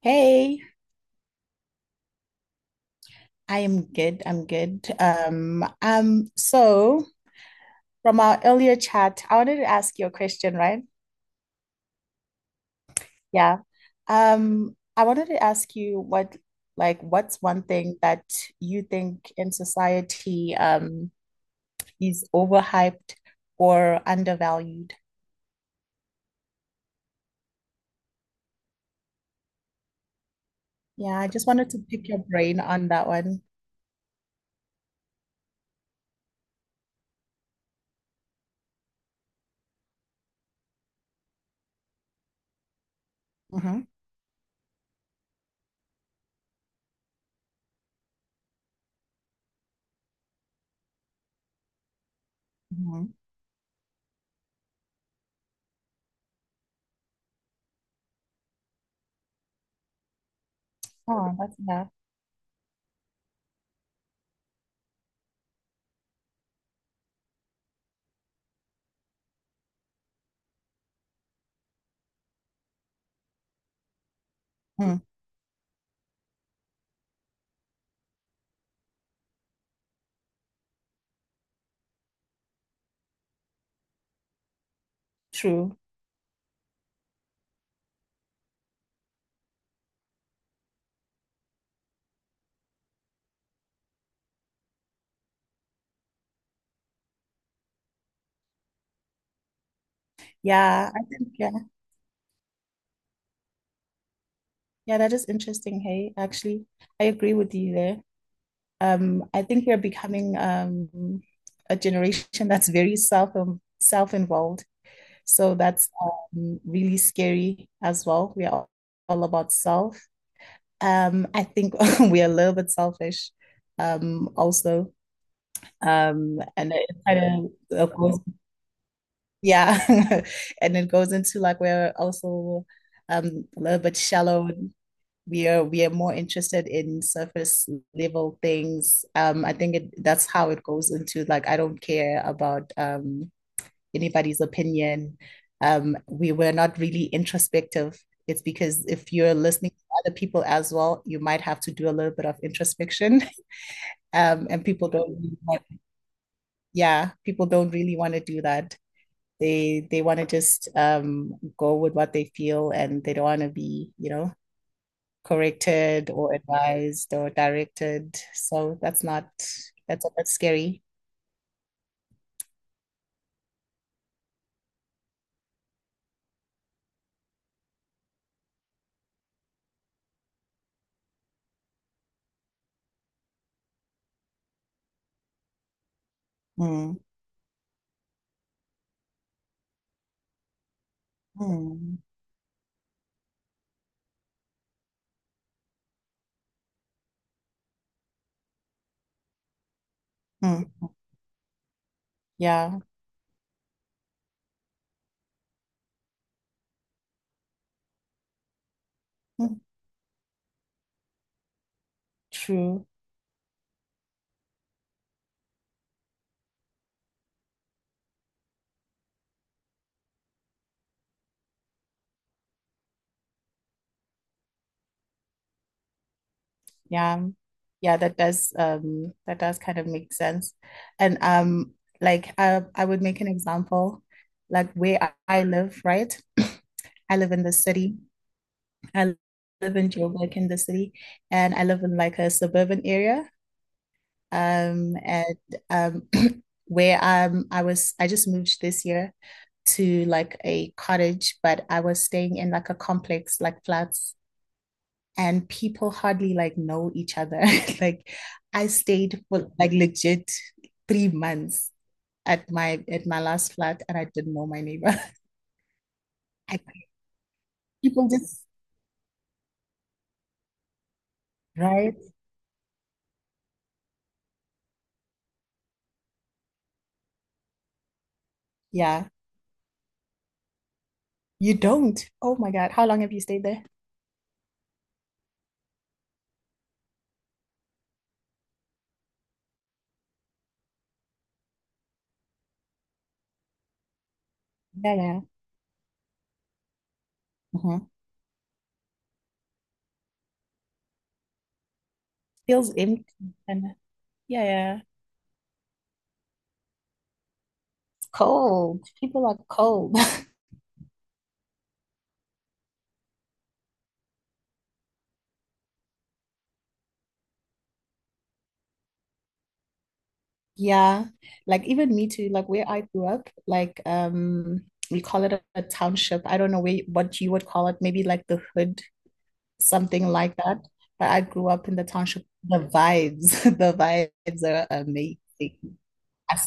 Hey, I am good. I'm good. So from our earlier chat, I wanted to ask you a question, right? Yeah. I wanted to ask you what's one thing that you think in society, is overhyped or undervalued? Yeah, I just wanted to pick your brain on that one. Mm-hmm. hmm Oh, that's yeah. Mm, true. Yeah, I think yeah, yeah, that is interesting. Hey, actually, I agree with you there. I think we're becoming a generation that's very self-involved. So that's really scary as well. We are all about self. I think we are a little bit selfish also. And it kind of goes, yeah, and it goes into like we're also a little bit shallow. We are more interested in surface level things. That's how it goes into like I don't care about anybody's opinion. We were not really introspective. It's because if you're listening to other people as well, you might have to do a little bit of introspection. And people don't, really want, yeah, people don't really want to do that. They want to just go with what they feel, and they don't want to be, you know, corrected or advised or directed. So that's not, that's a bit scary. Mm, mm, mm. Yeah, mm, true. Yeah. Yeah, that does kind of make sense. And like I would make an example like where I live, right? I live in the city. I live in Joburg in the city and I live in like a suburban area. And um where I was I just moved this year to like a cottage, but I was staying in like a complex like flats and people hardly like know each other. Like I stayed for like legit 3 months at my last flat and I didn't know my neighbor. I, people just right? Yeah. You don't. Oh my God. How long have you stayed there? Yeah, yeah. hmm Feels empty and yeah, yeah. It's cold. People are cold. Yeah. Like even me too, like where I grew up, we call it a township. I don't know where, what you would call it, maybe like the hood something like that. But I grew up in the township. The vibes, the vibes are amazing. I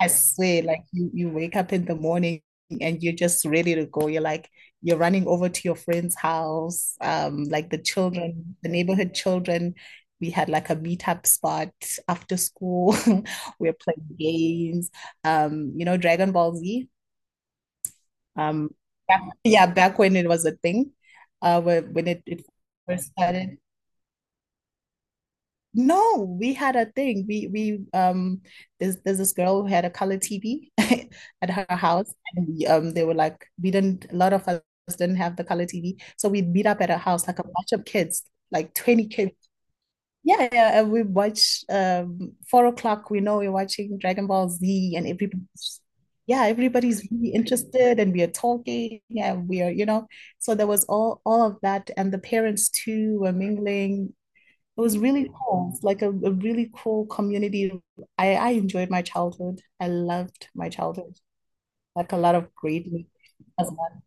I swear, like you wake up in the morning and you're just ready to go. You're like, you're running over to your friend's house. Like the children, the neighborhood children, we had like a meetup spot after school. We're playing games. You know, Dragon Ball Z. Um, yeah, back when it was a thing, when it first started. No, we had a thing. We there's this girl who had a color TV at her house and we they were like we didn't, a lot of us didn't have the color TV. So we'd meet up at her house like a bunch of kids, like 20 kids. Yeah, yeah, and we watch 4 o'clock, we know we're watching Dragon Ball Z and everybody's yeah, everybody's really interested and we are talking. Yeah, we are, you know. So there was all of that and the parents too were mingling. It was really cool. It's like a really cool community. I enjoyed my childhood. I loved my childhood. Like a lot of great movies as well.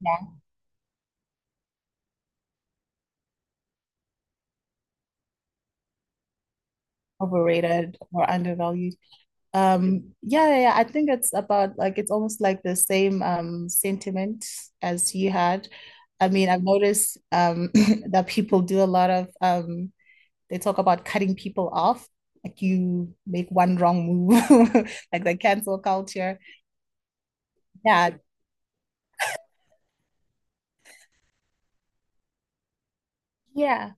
Yeah, overrated or undervalued. Yeah, I think it's about like it's almost like the same sentiment as you had. I mean, I've noticed that people do a lot of they talk about cutting people off. Like you make one wrong move, like the cancel culture. Yeah, yeah.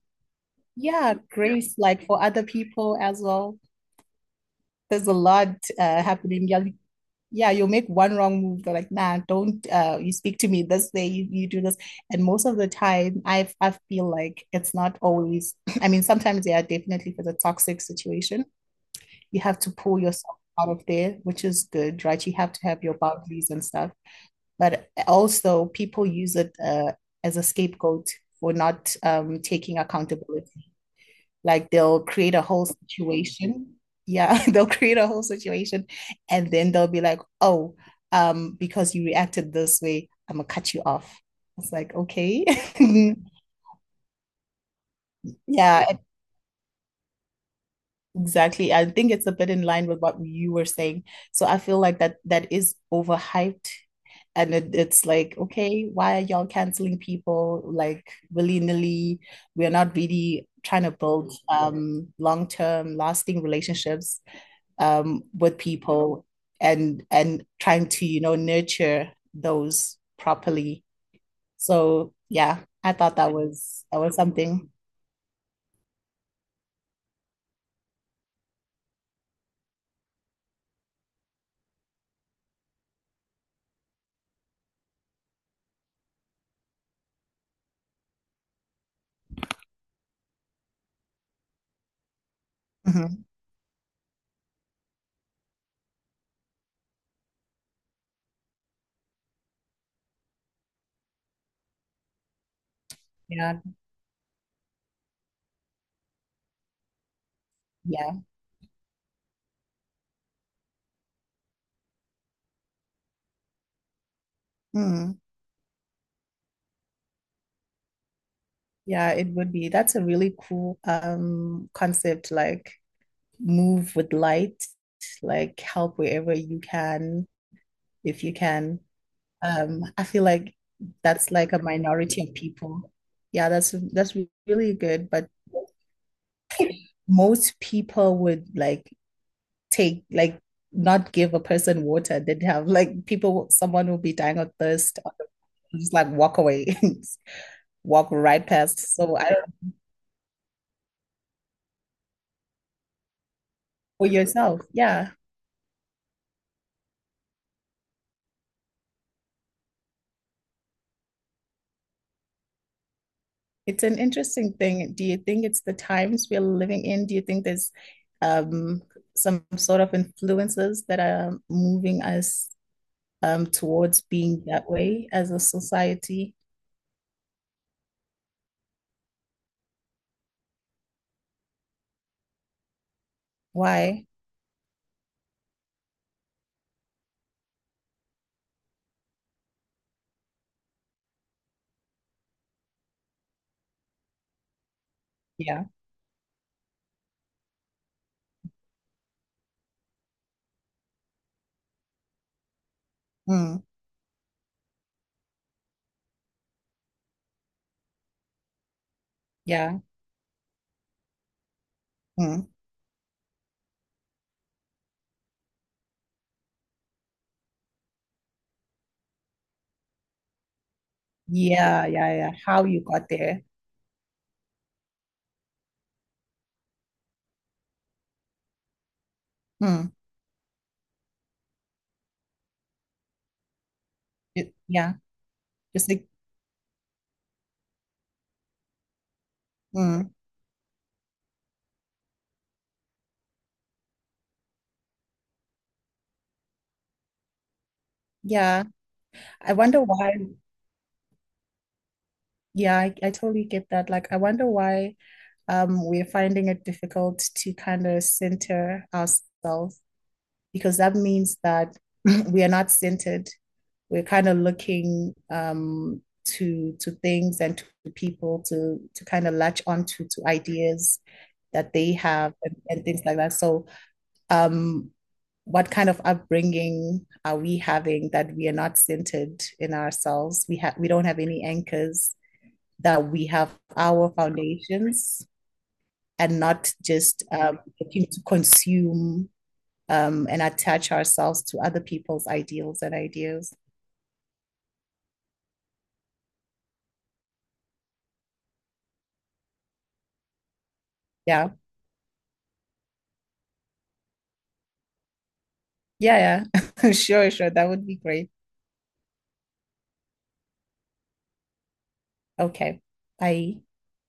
Yeah, grace like for other people as well. There's a lot happening. Yeah, yeah, you'll make one wrong move. They're like, nah, don't you speak to me this way, you do this. And most of the time, I feel like it's not always. I mean, sometimes yeah, definitely for the toxic situation, you have to pull yourself out of there, which is good, right? You have to have your boundaries and stuff. But also, people use it as a scapegoat for not taking accountability. Like they'll create a whole situation. Yeah, they'll create a whole situation and then they'll be like, oh, because you reacted this way, I'm gonna cut you off. It's like, okay. Yeah, e- exactly. I think it's a bit in line with what you were saying. So I feel like that is overhyped and it's like, okay, why are y'all canceling people like willy-nilly? We're not really trying to build long-term lasting relationships. With people and trying to, you know, nurture those properly. So yeah, I thought that was something. Mhm. Yeah, yeah. Mm. Yeah, it would be. That's a really cool concept, like move with light, like help wherever you can, if you can. I feel like that's like a minority of people. That's really good, but most people would like take like not give a person water. They'd have like people someone will be dying of thirst, just like walk away. Walk right past. So I don't know, for yourself, yeah, it's an interesting thing. Do you think it's the times we're living in? Do you think there's um some sort of influences that are moving us towards being that way as a society? Why? Yeah, mm. yeah, mm. yeah, yeah, yeah, how you got there, mm. Yeah, just like, mm, yeah. I wonder why. Yeah, I totally get that. Like, I wonder why we're finding it difficult to kind of center ourselves, because that means that we are not centered. We're kind of looking to things and to people to kind of latch onto to ideas that they have and things like that. So um, what kind of upbringing are we having that we are not centered in ourselves? We don't have any anchors that we have, our foundations, and not just looking to consume and attach ourselves to other people's ideals and ideas. Yeah, yeah, yeah. Sure, sure. That would be great. Okay, bye.